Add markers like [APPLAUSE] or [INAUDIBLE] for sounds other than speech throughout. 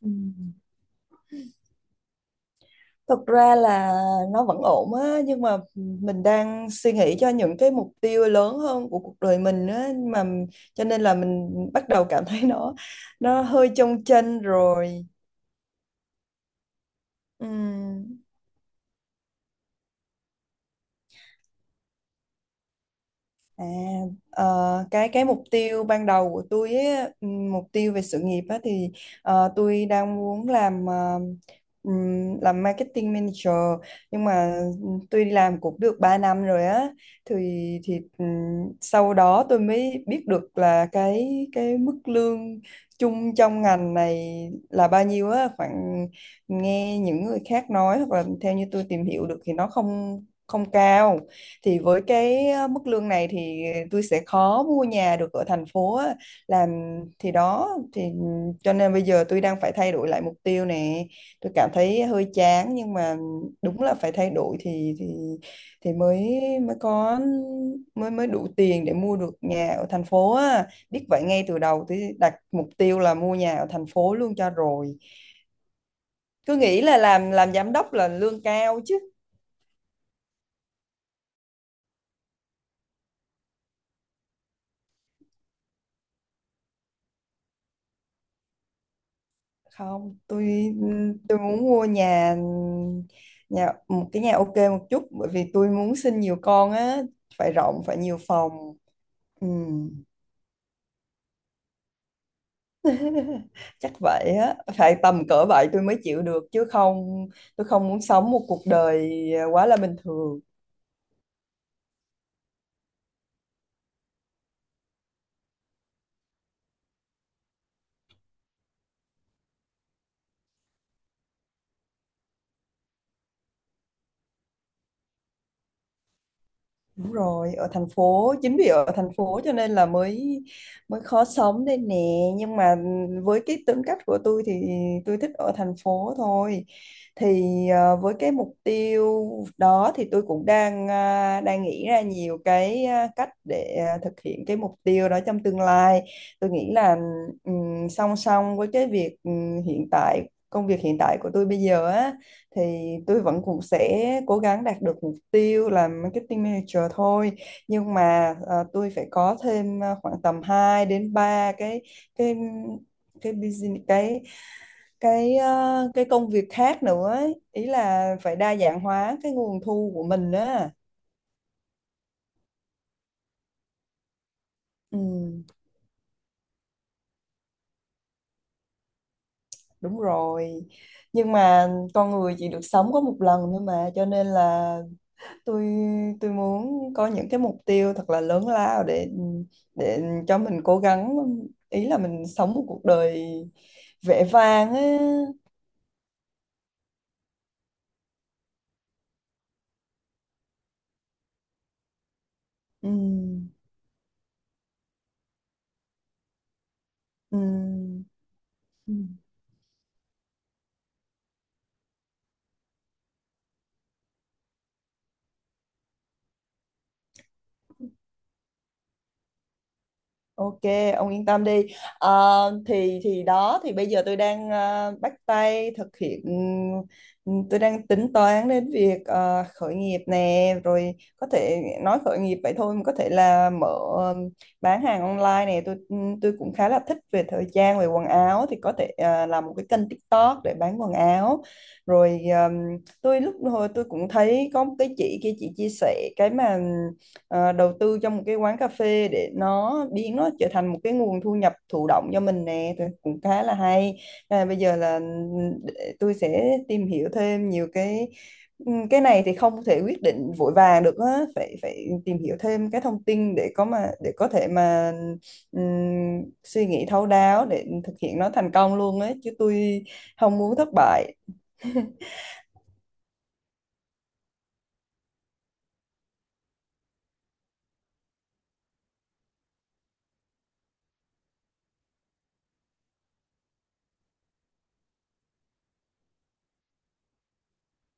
Ừ. Thật ra là nó vẫn ổn á, nhưng mà mình đang suy nghĩ cho những cái mục tiêu lớn hơn của cuộc đời mình á, mà cho nên là mình bắt đầu cảm thấy nó hơi chông chênh rồi. Ừ. À, ờ, cái mục tiêu ban đầu của tôi ấy, mục tiêu về sự nghiệp á, thì tôi đang muốn làm làm marketing manager, nhưng mà tôi đi làm cũng được 3 năm rồi á, thì thì sau đó tôi mới biết được là cái mức lương chung trong ngành này là bao nhiêu, á khoảng nghe những người khác nói hoặc là theo như tôi tìm hiểu được thì nó không không cao. Thì với cái mức lương này thì tôi sẽ khó mua nhà được ở thành phố á. làm thì đó, thì cho nên bây giờ tôi đang phải thay đổi lại mục tiêu nè, tôi cảm thấy hơi chán nhưng mà đúng là phải thay đổi, thì mới mới có, mới mới đủ tiền để mua được nhà ở thành phố á. Biết vậy, ngay từ đầu tôi đặt mục tiêu là mua nhà ở thành phố luôn cho rồi. Cứ nghĩ là làm giám đốc là lương cao chứ. Không, tôi muốn mua nhà nhà một cái nhà ok một chút, bởi vì tôi muốn sinh nhiều con á, phải rộng, phải nhiều phòng. Ừ. [LAUGHS] Chắc vậy á, phải tầm cỡ vậy tôi mới chịu được chứ không, tôi không muốn sống một cuộc đời quá là bình thường. Đúng rồi, ở thành phố, chính vì ở thành phố cho nên là mới mới khó sống đây nè, nhưng mà với cái tính cách của tôi thì tôi thích ở thành phố thôi. Thì với cái mục tiêu đó thì tôi cũng đang đang nghĩ ra nhiều cái, cách để thực hiện cái mục tiêu đó trong tương lai. Tôi nghĩ là song song với cái việc hiện tại công việc hiện tại của tôi bây giờ á, thì tôi vẫn cũng sẽ cố gắng đạt được mục tiêu là marketing manager thôi, nhưng mà tôi phải có thêm khoảng tầm 2 đến 3 cái cái business, cái cái công việc khác nữa ấy. Ý là phải đa dạng hóa cái nguồn thu của mình á. Ừ, đúng rồi, nhưng mà con người chỉ được sống có một lần thôi mà cho nên là tôi tôi muốn có những cái mục tiêu thật là lớn lao để cho mình cố gắng, ý là mình sống một cuộc đời vẻ vang á. Ừ. Ừ. Ok, ông yên tâm đi. À, thì đó, thì bây giờ tôi đang bắt tay thực hiện, tôi đang tính toán đến việc khởi nghiệp nè. Rồi có thể nói khởi nghiệp vậy thôi, mà có thể là mở bán hàng online nè. Tôi cũng khá là thích về thời trang, về quần áo, thì có thể làm một cái kênh TikTok để bán quần áo. Rồi ừm, tôi lúc hồi tôi cũng thấy có một cái chị kia, chị chia sẻ cái mà đầu tư trong một cái quán cà phê để nó biến nó trở thành một cái nguồn thu nhập thụ động cho mình nè, thì cũng khá là hay. Bây giờ là để tôi sẽ tìm hiểu thêm nhiều cái, cái này thì không thể quyết định vội vàng được á, phải phải tìm hiểu thêm cái thông tin để có mà để có thể mà ừm, suy nghĩ thấu đáo để thực hiện nó thành công luôn ấy chứ, tôi không muốn thất bại.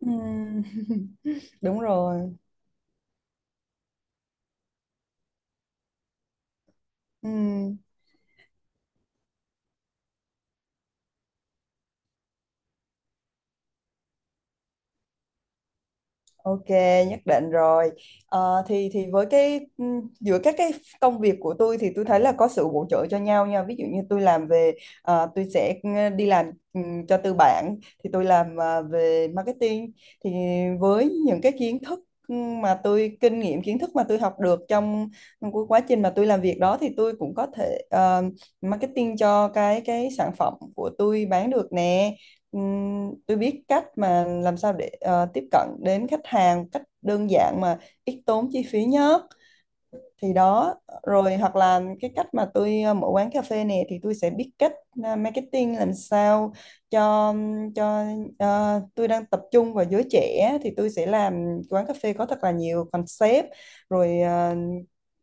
Ừm. [LAUGHS] Đúng rồi. Ừm. Ok, nhất định rồi. Ờ, thì với cái, giữa các cái công việc của tôi thì tôi thấy là có sự bổ trợ cho nhau nha. Ví dụ như tôi làm về, tôi sẽ đi làm cho tư bản, thì tôi làm về marketing, thì với những cái kiến thức mà tôi, kinh nghiệm kiến thức mà tôi học được trong cái quá trình mà tôi làm việc đó, thì tôi cũng có thể marketing cho cái sản phẩm của tôi bán được nè. Tôi biết cách mà làm sao để tiếp cận đến khách hàng cách đơn giản mà ít tốn chi phí nhất, thì đó. Rồi hoặc là cái cách mà tôi mở quán cà phê này, thì tôi sẽ biết cách marketing làm sao cho cho tôi đang tập trung vào giới trẻ, thì tôi sẽ làm quán cà phê có thật là nhiều concept. Rồi ờ,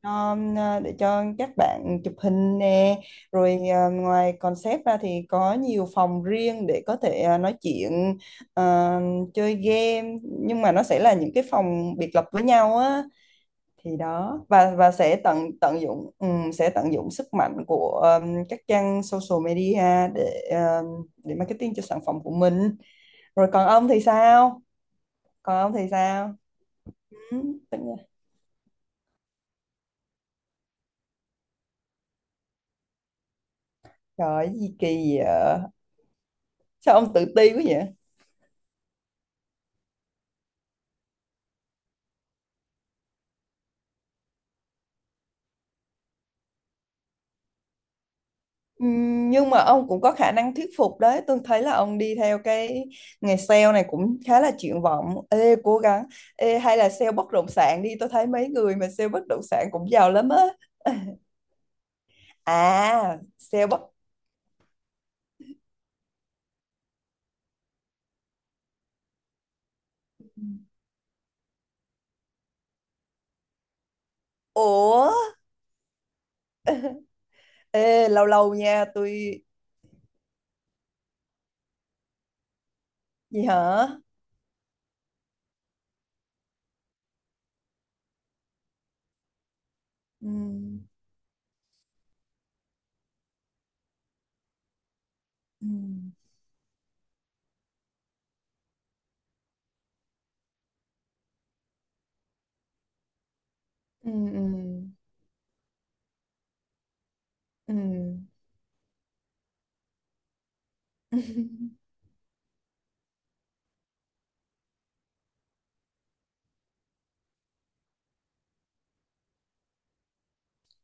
um, à, để cho các bạn chụp hình nè. Rồi ngoài concept ra thì có nhiều phòng riêng để có thể nói chuyện, à, chơi game, nhưng mà nó sẽ là những cái phòng biệt lập với nhau á. Thì đó, và sẽ tận tận dụng, sẽ tận dụng sức mạnh của các trang social media để marketing cho sản phẩm của mình. Rồi còn ông thì sao? Còn ông thì sao? Ừ, tính- trời cái gì kỳ vậy? Sao ông tự ti quá vậy? Nhưng mà ông cũng có khả năng thuyết phục đấy. Tôi thấy là ông đi theo cái nghề sale này cũng khá là triển vọng. Ê, cố gắng. Ê, hay là sale bất động sản đi. Tôi thấy mấy người mà sale bất động sản cũng giàu lắm á. [LAUGHS] À, sale bất... Ủa? Ê, lâu lâu nha. Tôi... Gì hả? Ừm, ừm, ừm, ừm, ừm. [LAUGHS]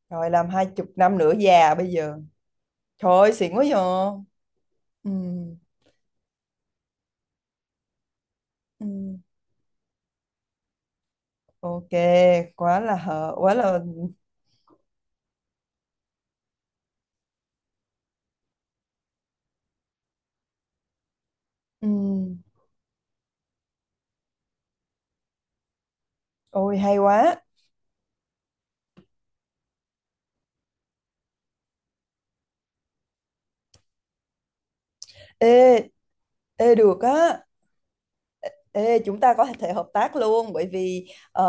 Rồi làm 20 năm nữa già bây giờ. Trời ơi, xịn quá vậy. Ừm, ừm. Ok, quá là hở, quá là ừm, ôi hay quá. Ê, ê được á. Ê, chúng ta có thể hợp tác luôn, bởi vì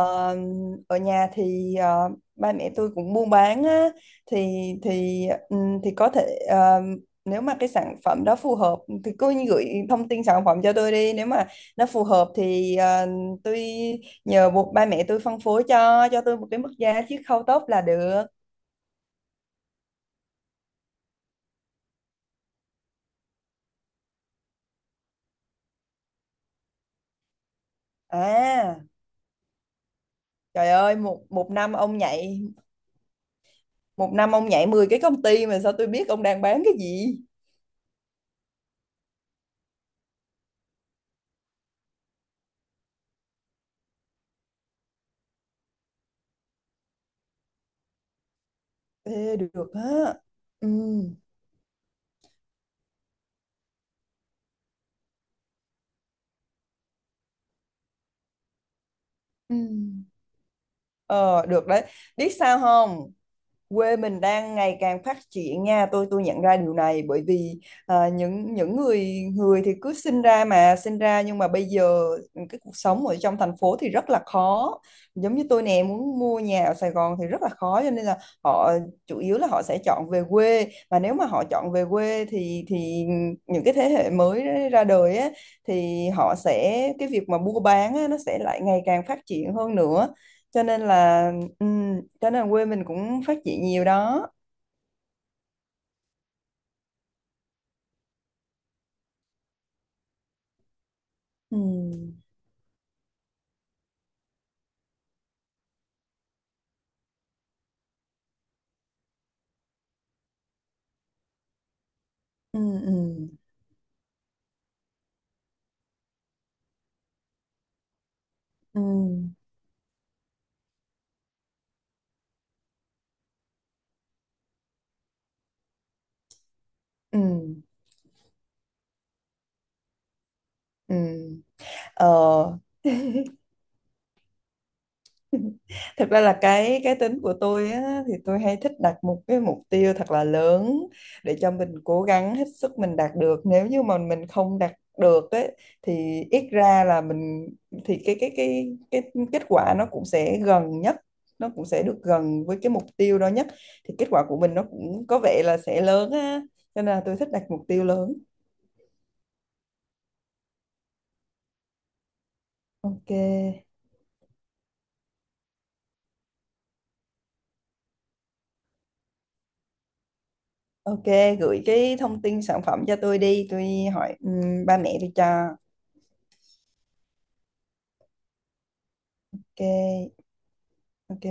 ở nhà thì ba mẹ tôi cũng buôn bán á, thì thì thì có thể nếu mà cái sản phẩm đó phù hợp thì cứ gửi thông tin sản phẩm cho tôi đi, nếu mà nó phù hợp thì tôi nhờ buộc ba mẹ tôi phân phối cho tôi một cái mức giá chiết khấu tốt là được. À. Trời ơi, một một năm ông nhảy một năm ông nhảy 10 cái công ty mà sao tôi biết ông đang bán cái gì? Ê, được á. Ừ. Ừ. Ờ, được đấy. Biết sao không? Quê mình đang ngày càng phát triển nha, tôi nhận ra điều này bởi vì những người, người thì cứ sinh ra mà sinh ra, nhưng mà bây giờ cái cuộc sống ở trong thành phố thì rất là khó. Giống như tôi nè, muốn mua nhà ở Sài Gòn thì rất là khó, cho nên là họ, chủ yếu là họ sẽ chọn về quê, và nếu mà họ chọn về quê thì những cái thế hệ mới ra đời á, thì họ sẽ, cái việc mà mua bán á, nó sẽ lại ngày càng phát triển hơn nữa, cho nên là, ừ, cho nên quê mình cũng phát triển nhiều đó. Ừ, ừ, ừ, ừ, ừ, ừ. Ờ, [LAUGHS] thật ra là cái tính của tôi á, thì tôi hay thích đặt một cái mục tiêu thật là lớn để cho mình cố gắng hết sức mình đạt được. Nếu như mà mình không đạt được ấy, thì ít ra là mình, thì cái kết quả nó cũng sẽ gần nhất, nó cũng sẽ được gần với cái mục tiêu đó nhất. Thì kết quả của mình nó cũng có vẻ là sẽ lớn á. Cho nên là tôi thích đặt mục tiêu lớn. Ok. Ok, gửi cái thông tin sản phẩm cho tôi đi, tôi hỏi ba mẹ tôi cho. Ok. Ok bye.